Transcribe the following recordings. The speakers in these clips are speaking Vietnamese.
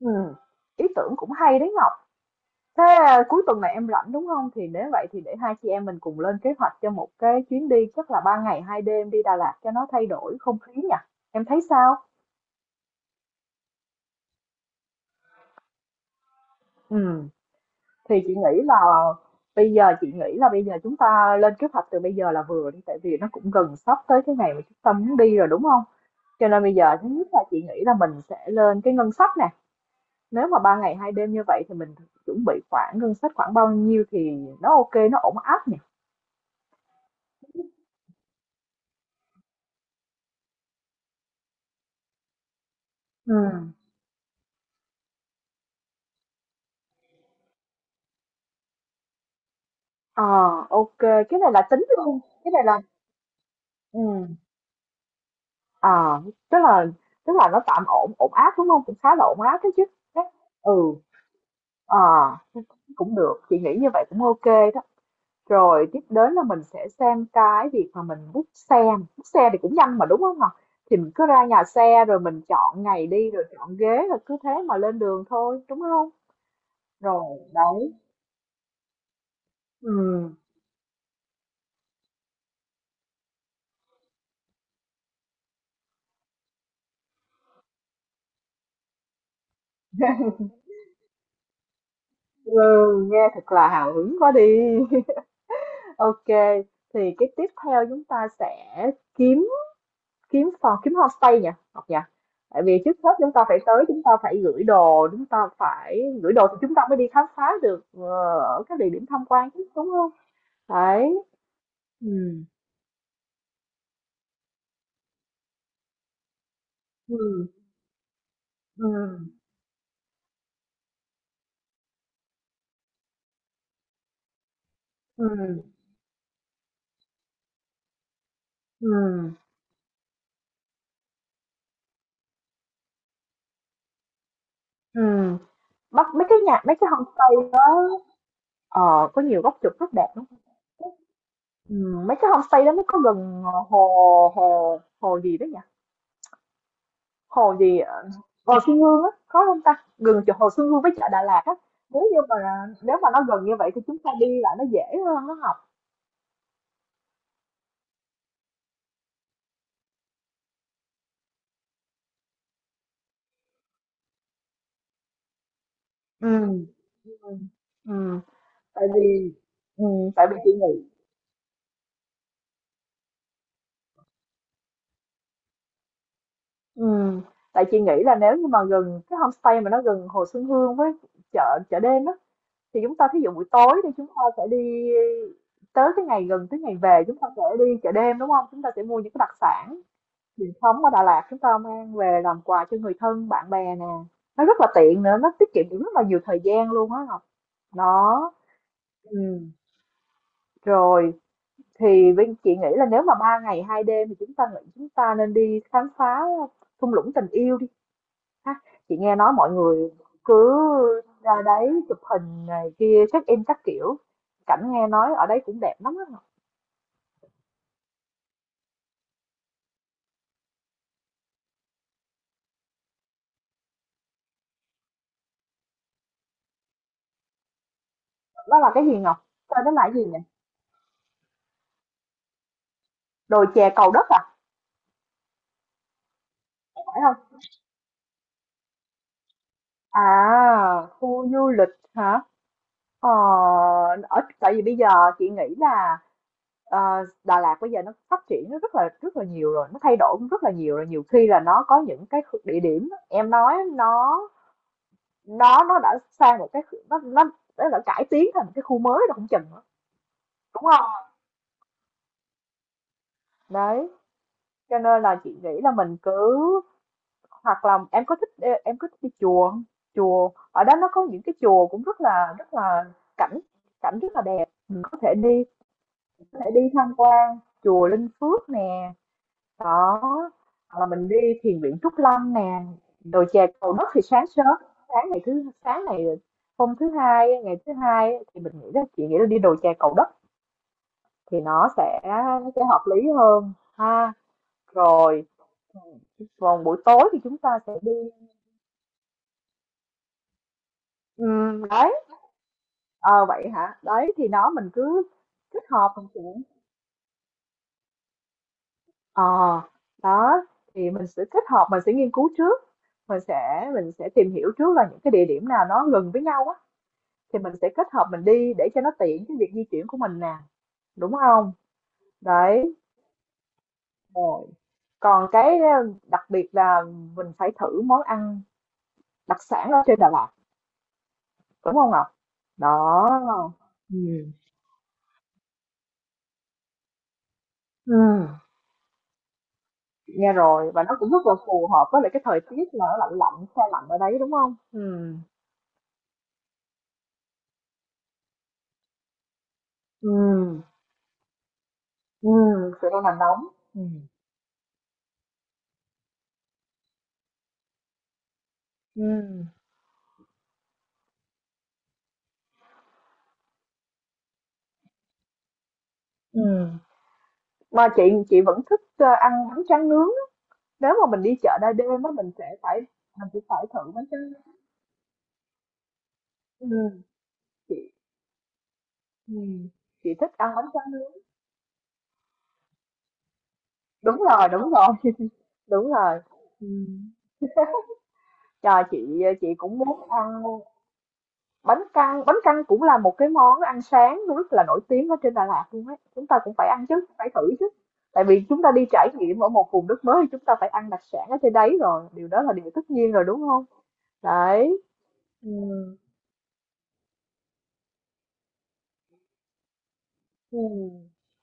Ừm, ý tưởng cũng hay đấy Ngọc. Thế à, cuối tuần này em rảnh đúng không? Nếu vậy thì để hai chị em mình cùng lên kế hoạch cho một chuyến đi chắc là ba ngày hai đêm đi Đà Lạt cho nó thay đổi không khí nhỉ? Em thấy sao? Ừ, thì chị nghĩ là bây giờ chị nghĩ là bây giờ chúng ta lên kế hoạch từ bây giờ là vừa đi tại vì nó cũng gần sắp tới cái ngày mà chúng ta muốn đi rồi đúng không? Cho nên bây giờ thứ nhất là chị nghĩ là mình sẽ lên cái ngân sách nè. Nếu mà ba ngày hai đêm như vậy thì mình chuẩn bị khoảng ngân sách khoảng bao nhiêu thì nó ok, nó ổn áp nhỉ? Ừm, ờ, ok, cái này là tính luôn, cái này là ừm, ờ, tức là nó tạm ổn ổn áp, đúng hông? Cũng khá là ổn áp đó chứ. Cái ừ, ờ, cũng được, chị nghĩ như vậy cũng ok đó. Rồi tiếp đến là mình sẽ xem cái việc mà mình book xe thì cũng nhanh mà, đúng hông nè? Thì mình cứ ra nhà xe rồi mình chọn ngày đi, rồi chọn ghế, rồi cứ thế mà lên đường thôi, đúng hông? Rồi, đấy, ừm, ừ, nghe thật là hào hứng quá đi. Ok, thì cái tiếp theo chúng ta sẽ kiếm kiếm phòng kiếm homestay nhỉ, Ngọc nhỉ? Tại vì trước hết chúng ta phải tới, chúng ta phải gửi đồ, thì chúng ta mới đi khám phá được ở các địa điểm tham quan chứ đúng không? Đấy. Ừ. Ừ. Ừ. Ừ. Ừ. Ừ. Bắt mấy cái nhà mấy cái homestay đó ờ, có nhiều góc chụp rất đẹp lắm. Ừ, mấy cái homestay đó nó có gần hồ hồ hồ gì đó nhỉ? Hồ gì, Hồ Xuân Hương á, khó hông ta? Gần chỗ Hồ Xuân Hương với chợ Đà Lạt á, nếu như mà nếu mà nó gần như vậy thì chúng ta đi lại nó dễ hơn á Học. Ừm, ừm, tại vì tại vì chị nghĩ ừm, tại chị nghĩ là nếu như mà gần cái homestay mà nó gần Hồ Xuân Hương với chợ chợ đêm á, thì chúng ta thí dụ buổi tối thì chúng ta sẽ đi tới cái ngày gần tới ngày về chúng ta sẽ đi chợ đêm, đúng không? Chúng ta sẽ mua những cái đặc sản truyền thống ở Đà Lạt chúng ta mang về làm quà cho người thân bạn bè nè, nó rất là tiện nữa nó tiết kiệm được rất là nhiều thời gian luôn á Ngọc. Đó ừ. Rồi thì Vinh chị nghĩ là nếu mà ba ngày hai đêm thì chúng ta nên đi khám phá thung lũng tình yêu đi ha, chị nghe nói mọi người cứ ra đấy chụp hình này kia check in các kiểu cảnh, nghe nói ở đấy cũng đẹp lắm đó, Ngọc. Đó là cái gì Ngọc, tên đó là cái gì nhỉ? Đồi chè Cầu Đất à? Phải không? À khu du lịch hả? Ờ, ở tại vì bây giờ chị nghĩ là ờ, Đà Lạt bây giờ nó phát triển nó rất là nhiều rồi, nó thay đổi cũng rất là nhiều rồi, nhiều khi là nó có những cái địa điểm em nói nó đã sang một cái nó đã cải tiến thành một cái khu mới rồi không chừng nữa, đúng không? Đấy, cho nên là chị nghĩ là mình cứ hoặc là em có thích đi chùa không? Chùa ở đó nó có những cái chùa cũng rất là cảnh, rất là đẹp, mình có thể đi, có thể đi tham quan chùa Linh Phước nè. Đó hoặc là mình đi thiền viện Trúc Lâm nè. Rồi chè Cầu Đất thì sáng sớm, sáng ngày thứ sáng này hôm thứ hai ngày thứ hai thì mình nghĩ là chị nghĩ là đi đồi chè Cầu Đất thì nó sẽ hợp lý hơn ha. Rồi còn buổi tối thì chúng ta sẽ đi. Đấy ờ vậy hả, đấy thì nó mình cứ kết hợp mình sẽ ờ đó thì mình sẽ kết hợp, mình sẽ nghiên cứu trước, mình sẽ tìm hiểu trước là những cái địa điểm nào nó gần với nhau á, thì mình sẽ kết hợp mình đi để cho nó tiện cái việc di chuyển của mình nè, đúng không? Đấy rồi còn cái đặc biệt là mình phải thử món ăn đặc sản ở trên Đà Lạt, đúng không Ngọc? Đó ừ. Ừ. Nghe rồi và nó cũng rất là phù hợp với lại cái thời tiết là nó lạnh lạnh xe lạnh ở đấy, đúng không ừ. Ừ. Ừ. Sự đang nằm nóng. Ừ. Ừ. Ừ. Mà chị vẫn thích ăn bánh tráng nướng. Nếu mà mình đi chợ đêm đêm á, mình sẽ phải thử bánh tráng nướng. Ừm, chị ừm, chị thích ăn bánh tráng nướng. Đúng rồi, đúng rồi, đúng rồi. Ừm. Trời, chị cũng muốn ăn bánh căn. Bánh căn cũng là một cái món ăn sáng rất là nổi tiếng ở trên Đà Lạt luôn ấy. Chúng ta cũng phải ăn chứ, phải thử chứ. Tại vì chúng ta đi trải nghiệm ở một vùng đất mới thì chúng ta phải ăn đặc sản ở trên đấy rồi. Điều đó là điều tất nhiên rồi, đúng không? Đấy. Ừ. Ừ.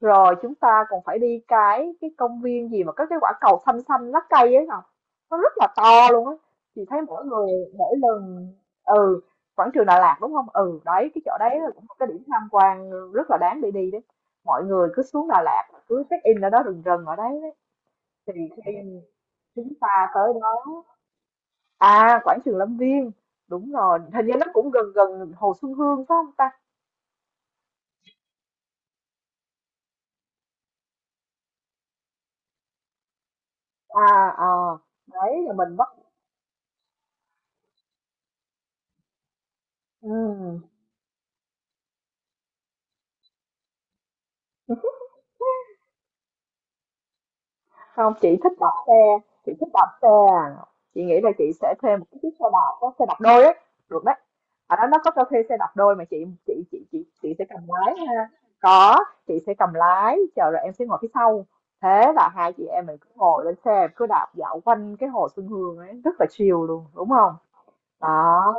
Rồi chúng ta còn phải đi cái công viên gì mà có cái quả cầu xanh xanh lá cây ấy Ngọc, nó rất là to luôn á. Chị thấy mỗi người, mỗi lần ừ quảng trường Đà Lạt đúng không? Ừ đấy, cái chỗ đấy là cũng một cái điểm tham quan rất là đáng để đi đấy, mọi người cứ xuống Đà Lạt cứ check in ở đó, rừng rừng ở đấy, đấy. Thì khi chúng ta tới đó à quảng trường Lâm Viên đúng rồi, hình như nó cũng gần gần Hồ Xuân Hương phải không ta? À ờ, đấy là mình bắt ừ. Không chị thích đạp xe, chị thích đạp xe à, chị nghĩ là chị sẽ thuê một cái chiếc xe đạp, có xe đạp đôi ấy, được đấy, ở đó nó có cho thuê xe đạp đôi mà chị, chị sẽ cầm lái ha. Có, chị sẽ cầm lái chờ rồi em sẽ ngồi phía sau, thế là hai chị em mình cứ ngồi lên xe cứ đạp dạo quanh cái hồ Xuân Hương ấy, rất là chill luôn, đúng không? Đó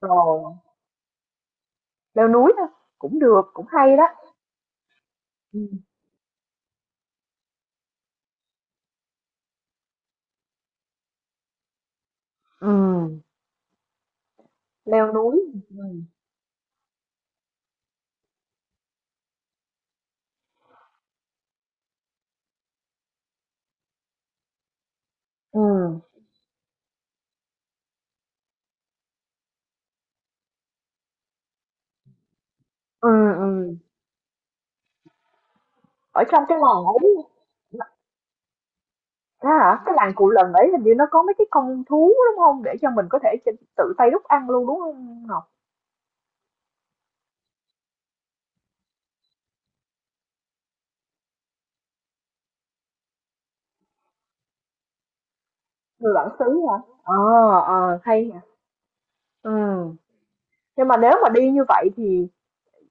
rồi, leo núi thôi, cũng được cũng hay đó. Ừ. Ừ. Leo núi ừ. Ừ. Ừ. Ừ. Ở trong cái làng ấy thế hả? Cái làng Cù Lần ấy hình như nó có mấy cái con thú đúng không? Để cho mình có thể ch tự tay đúc ăn luôn, đúng không Ngọc? Người bản xứ hả? Ờ, ờ, hay nhỉ. Ừ, nhưng mà nếu mà đi như vậy thì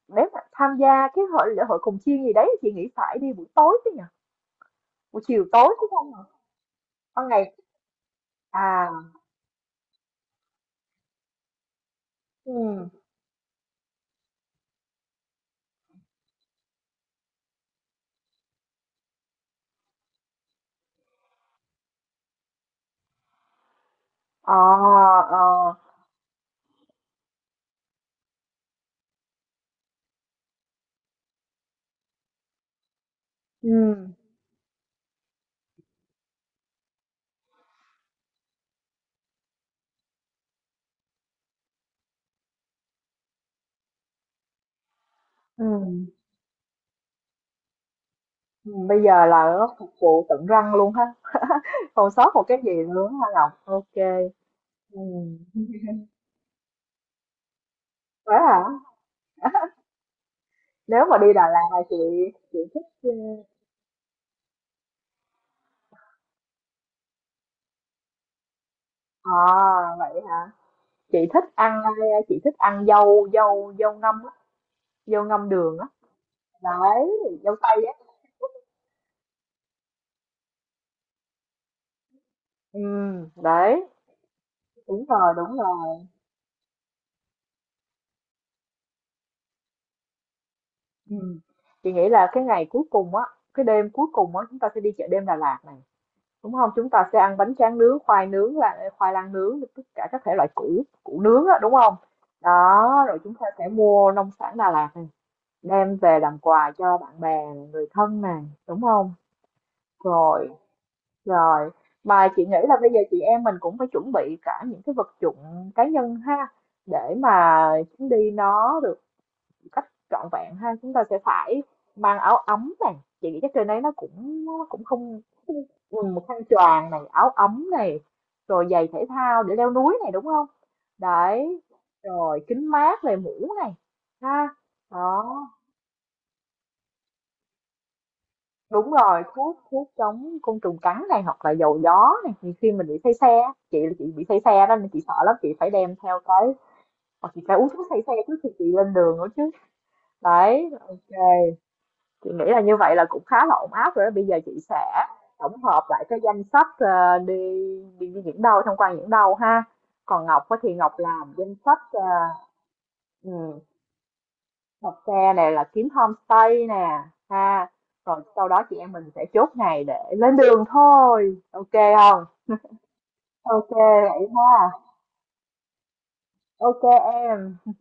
nếu mà tham gia cái lễ hội cồng chiêng gì đấy chị nghĩ phải đi buổi tối chứ nhỉ? Buổi chiều tối có không hả? Ban ngày à, ừ ờ, ờ, ừ ừ bây giờ là nó phục vụ tận răng luôn ha, không sót một cái gì nữa á Ngọc? Ok ừ hả? Nếu mà đi Đà Lạt là chị thích, ơ à, vậy hả? Chị thích ăn, a, chị thích ăn dâu dâu dâu ngâm á, dâu ngâm đường á. Đấy, dâu tây á. Đấy, đúng rồi, đúng rồi. Ừm. Chị nghĩ là cái ngày cuối cùng á, cái đêm cuối cùng á chúng ta sẽ đi chợ đêm Đà Lạt này, đúng không? Chúng ta sẽ ăn bánh tráng nướng, khoai nướng, là khoai lang nướng, tất cả các thể loại củ củ nướng á, đúng không? Đó, rồi chúng ta sẽ mua nông sản Đà Lạt đem về làm quà cho bạn bè người thân này, đúng không? Rồi, rồi mà chị nghĩ là bây giờ chị em mình cũng phải chuẩn bị cả những cái vật dụng cá nhân ha, để mà chuyến đi nó được cách trọn vẹn ha, chúng ta sẽ phải mang áo ấm này, chị nghĩ chắc trên đấy nó cũng không ừ, một khăn choàng này, áo ấm này, rồi giày thể thao để leo núi này, đúng không? Đấy rồi kính mát này mũ này ha. Đó đúng rồi, thuốc thuốc chống côn trùng cắn này hoặc là dầu gió này, thì khi mình bị say xe á, chị là chị bị say xe đó nên chị sợ lắm chị phải đem theo cái, hoặc chị phải uống thuốc say xe trước khi chị lên đường nữa chứ. Đấy ok, chị nghĩ là như vậy là cũng khá là ổn áp rồi đó. Bây giờ chị sẽ tổng hợp lại cái danh sách đi, đi, đi những đâu tham quan những đâu ha. Còn Ngọc á thì Ngọc làm danh sách ừ, đặt xe này là kiếm homestay nè ha. Rồi sau đó chị em mình sẽ chốt ngày để lên đường thôi, ok không? Ok vậy ha, ok em.